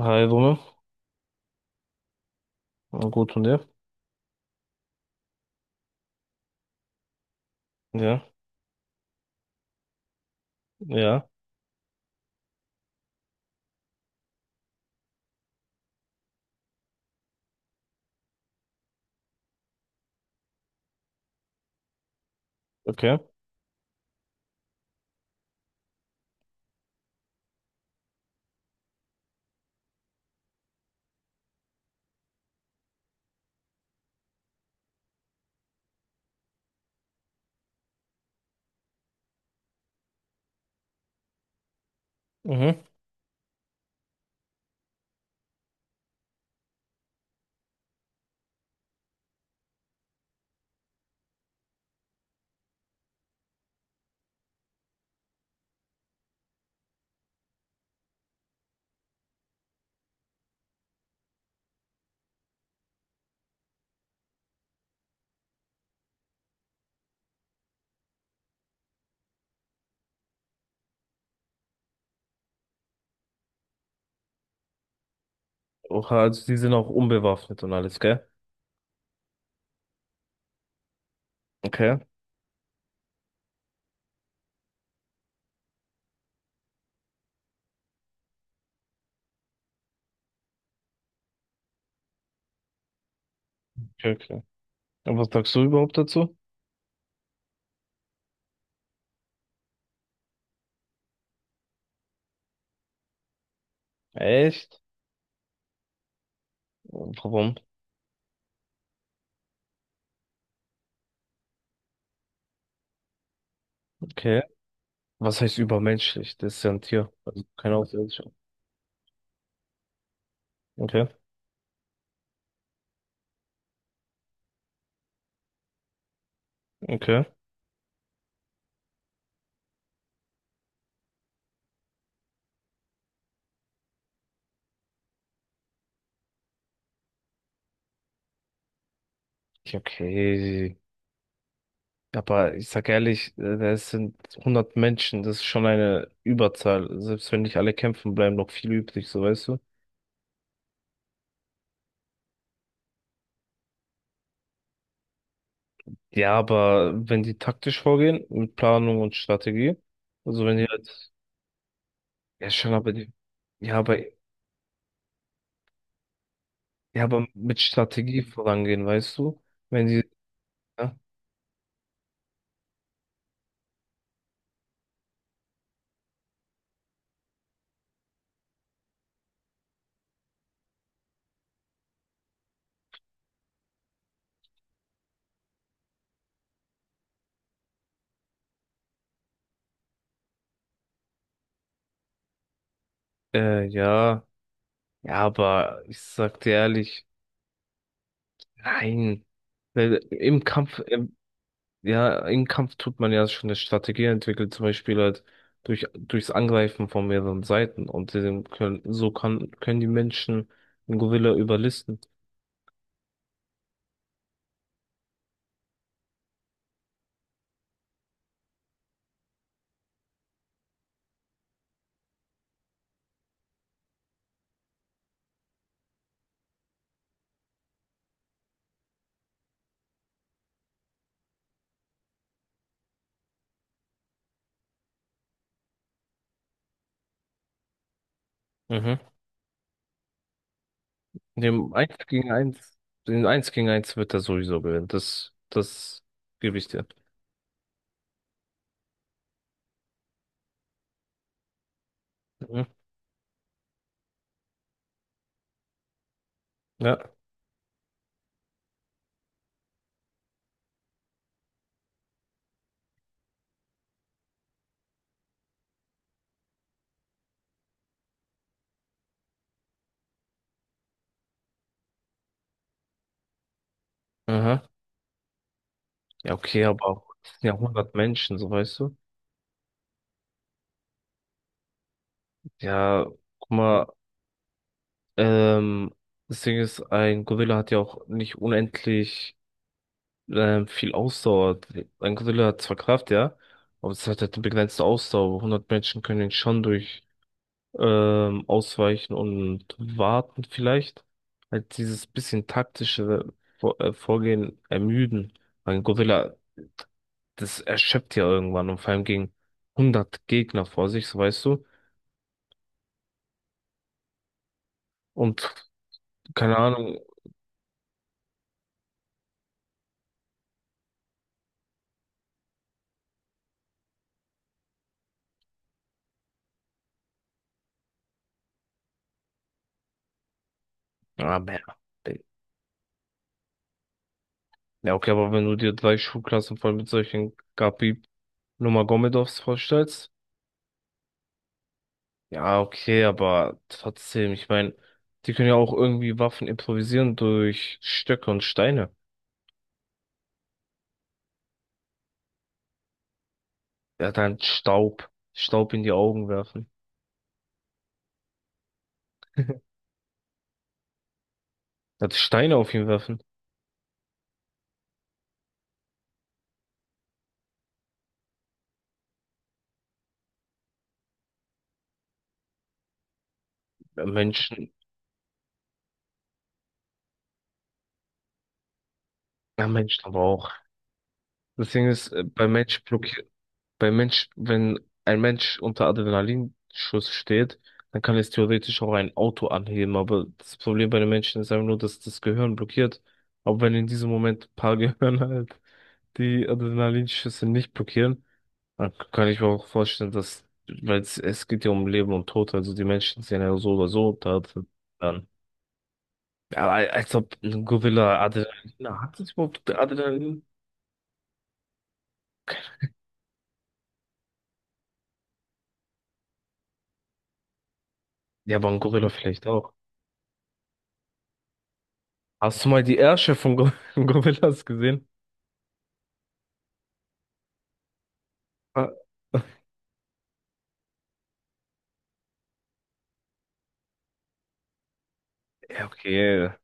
Hi, Dumme. Gut und dir? Ja, ja, okay. Mhm. Oha, also die sind auch unbewaffnet und alles, gell? Okay. Okay, okay. Und was sagst du überhaupt dazu? Echt? Warum? Okay. Was heißt übermenschlich? Das ist ja ein Tier. Also keine Außerirdische. Okay, okay. Ja, okay. Aber ich sag ehrlich, das sind 100 Menschen. Das ist schon eine Überzahl. Selbst wenn nicht alle kämpfen, bleiben noch viele übrig, so weißt du? Ja, aber wenn die taktisch vorgehen, mit Planung und Strategie, also wenn die jetzt, ja schon, aber die, ja, aber, ja, aber mit Strategie vorangehen, weißt du? Wenn die, ja, ja, ja, aber ich sag dir ehrlich, nein, weil im Kampf, ja, im Kampf tut man ja schon eine Strategie entwickeln, zum Beispiel halt durchs Angreifen von mehreren Seiten und dem können, so kann, können die Menschen einen Gorilla überlisten. Mhm. Dem eins gegen eins Den eins gegen eins wird er sowieso gewinnen. Das gebe ich dir. Mhm. Ja. Aha. Ja, okay, aber auch, das sind ja 100 Menschen, so weißt du. Ja, guck mal, ähm, das Ding ist, ein Gorilla hat ja auch nicht unendlich viel Ausdauer. Ein Gorilla hat zwar Kraft, ja, aber es hat halt eine begrenzte Ausdauer. 100 Menschen können ihn schon durch ausweichen und warten vielleicht. Halt dieses bisschen taktische Vorgehen ermüden. Weil ein Gorilla, das erschöpft ja irgendwann und vor allem gegen 100 Gegner vor sich, so weißt du. Und keine Ahnung, ja. Ja, okay, aber wenn du dir drei Schulklassen voll mit solchen Gabi Nurmagomedovs vorstellst, ja, okay, aber trotzdem, ich meine, die können ja auch irgendwie Waffen improvisieren durch Stöcke und Steine. Er hat halt Staub, Staub in die Augen werfen. Er hat Steine auf ihn werfen. Bei Menschen, ja, Menschen aber auch. Das Ding ist, bei Mensch, wenn ein Mensch unter Adrenalinschuss steht, dann kann es theoretisch auch ein Auto anheben, aber das Problem bei den Menschen ist einfach nur, dass das Gehirn blockiert. Aber wenn in diesem Moment ein paar Gehirne halt die Adrenalinschüsse nicht blockieren, dann kann ich mir auch vorstellen, dass, weil es geht ja um Leben und Tod, also die Menschen sind ja so oder so da dran. Ja, aber als ob ein Gorilla Adrenalin. Na, hat das überhaupt Adrenalin? Ja, aber ein Gorilla vielleicht auch. Hast du mal die Ärsche von Gor Gorillas gesehen? Ah, ja, okay.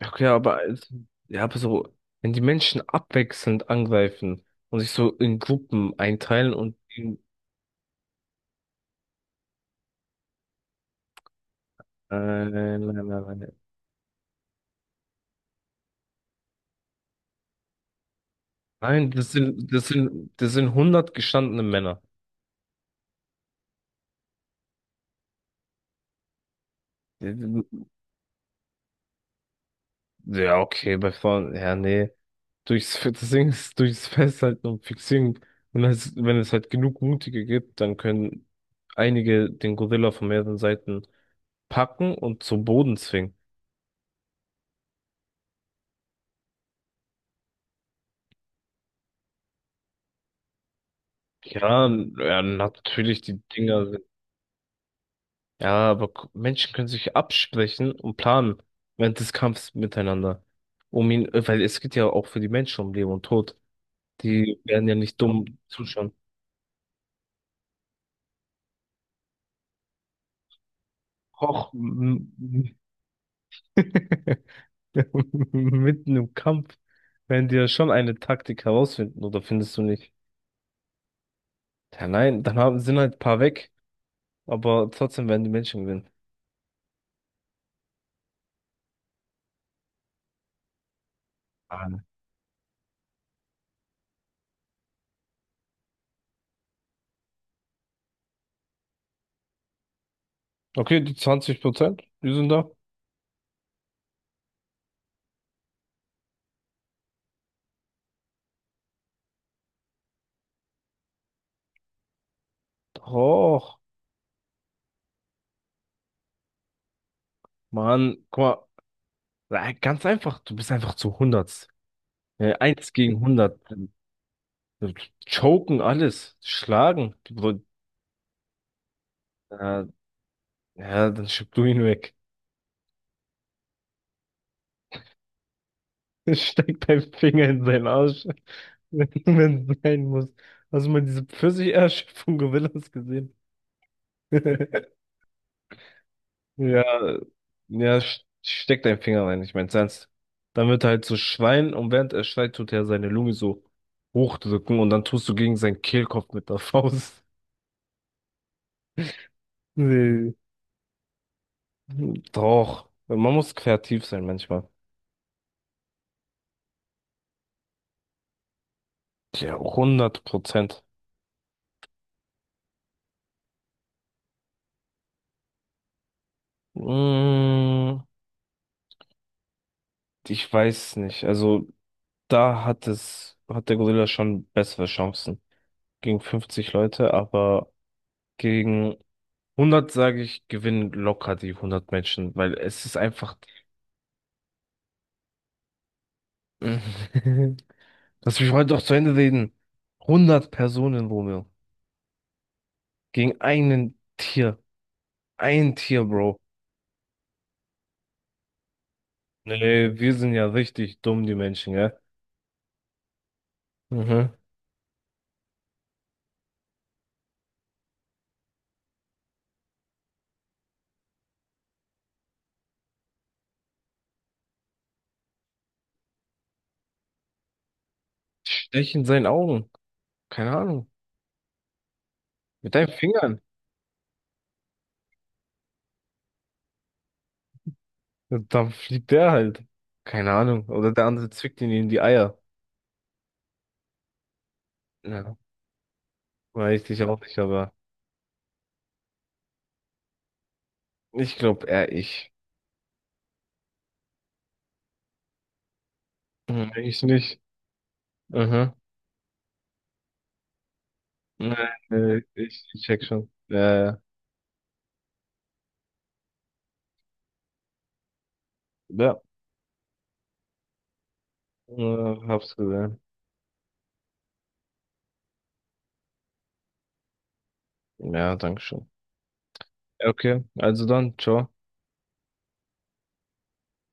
Ja, okay, ja, aber so, wenn die Menschen abwechselnd angreifen und sich so in Gruppen einteilen nein, nein, nein, nein. Nein, das sind 100 gestandene Männer. Ja, okay, bei Frauen, ja, nee. Das Ding ist, durchs Festhalten und Fixieren. Und wenn es halt genug Mutige gibt, dann können einige den Gorilla von mehreren Seiten packen und zum Boden zwingen. Ja, ja, natürlich, die Dinger sind. Ja, aber Menschen können sich absprechen und planen während des Kampfs miteinander. Weil es geht ja auch für die Menschen um Leben und Tod. Die werden ja nicht dumm zuschauen. Och, Mitten im Kampf werden die ja schon eine Taktik herausfinden, oder findest du nicht? Ja, nein, dann sind halt ein paar weg, aber trotzdem werden die Menschen gewinnen. Ah, ne. Okay, die 20%, die sind da. Doch, Mann, guck mal. Ja, ganz einfach, du bist einfach zu 100. Ja, 1 gegen 100, äh, Choken alles, schlagen. Äh, ja, dann schieb du ihn weg. Steckt deinen Finger in seinen Arsch, wenn wenn es sein muss. Hast du mal diese Pfirsicherschöpfung von Gorillas gesehen? Ja, ja, steck deinen Finger rein, ich mein's ernst. Dann wird er halt so schreien und während er schreit, tut er seine Lunge so hochdrücken und dann tust du gegen seinen Kehlkopf mit der Faust. Nee. Doch, man muss kreativ sein manchmal. Ja, 100%. Mm, ich weiß nicht, also. Da hat der Gorilla schon bessere Chancen. Gegen 50 Leute, aber gegen 100, sage ich, gewinnen locker die 100 Menschen, weil es ist einfach, lass mich heute doch zu Ende reden. 100 Personen, Romeo, gegen einen Tier. Ein Tier, Bro. Nee, wir sind ja richtig dumm, die Menschen, gell? Mhm. Stech in seinen Augen. Keine Ahnung. Mit deinen Fingern. Und dann fliegt der halt. Keine Ahnung. Oder der andere zwickt ihn in die Eier. Ja. Weiß ich auch nicht, aber ich glaube eher ich. Hm, ich nicht. Mhm. Nee, nee, ich check schon. Ja, ja. Ja, hab's gesehen. Ja, danke schön. Okay, also dann, ciao.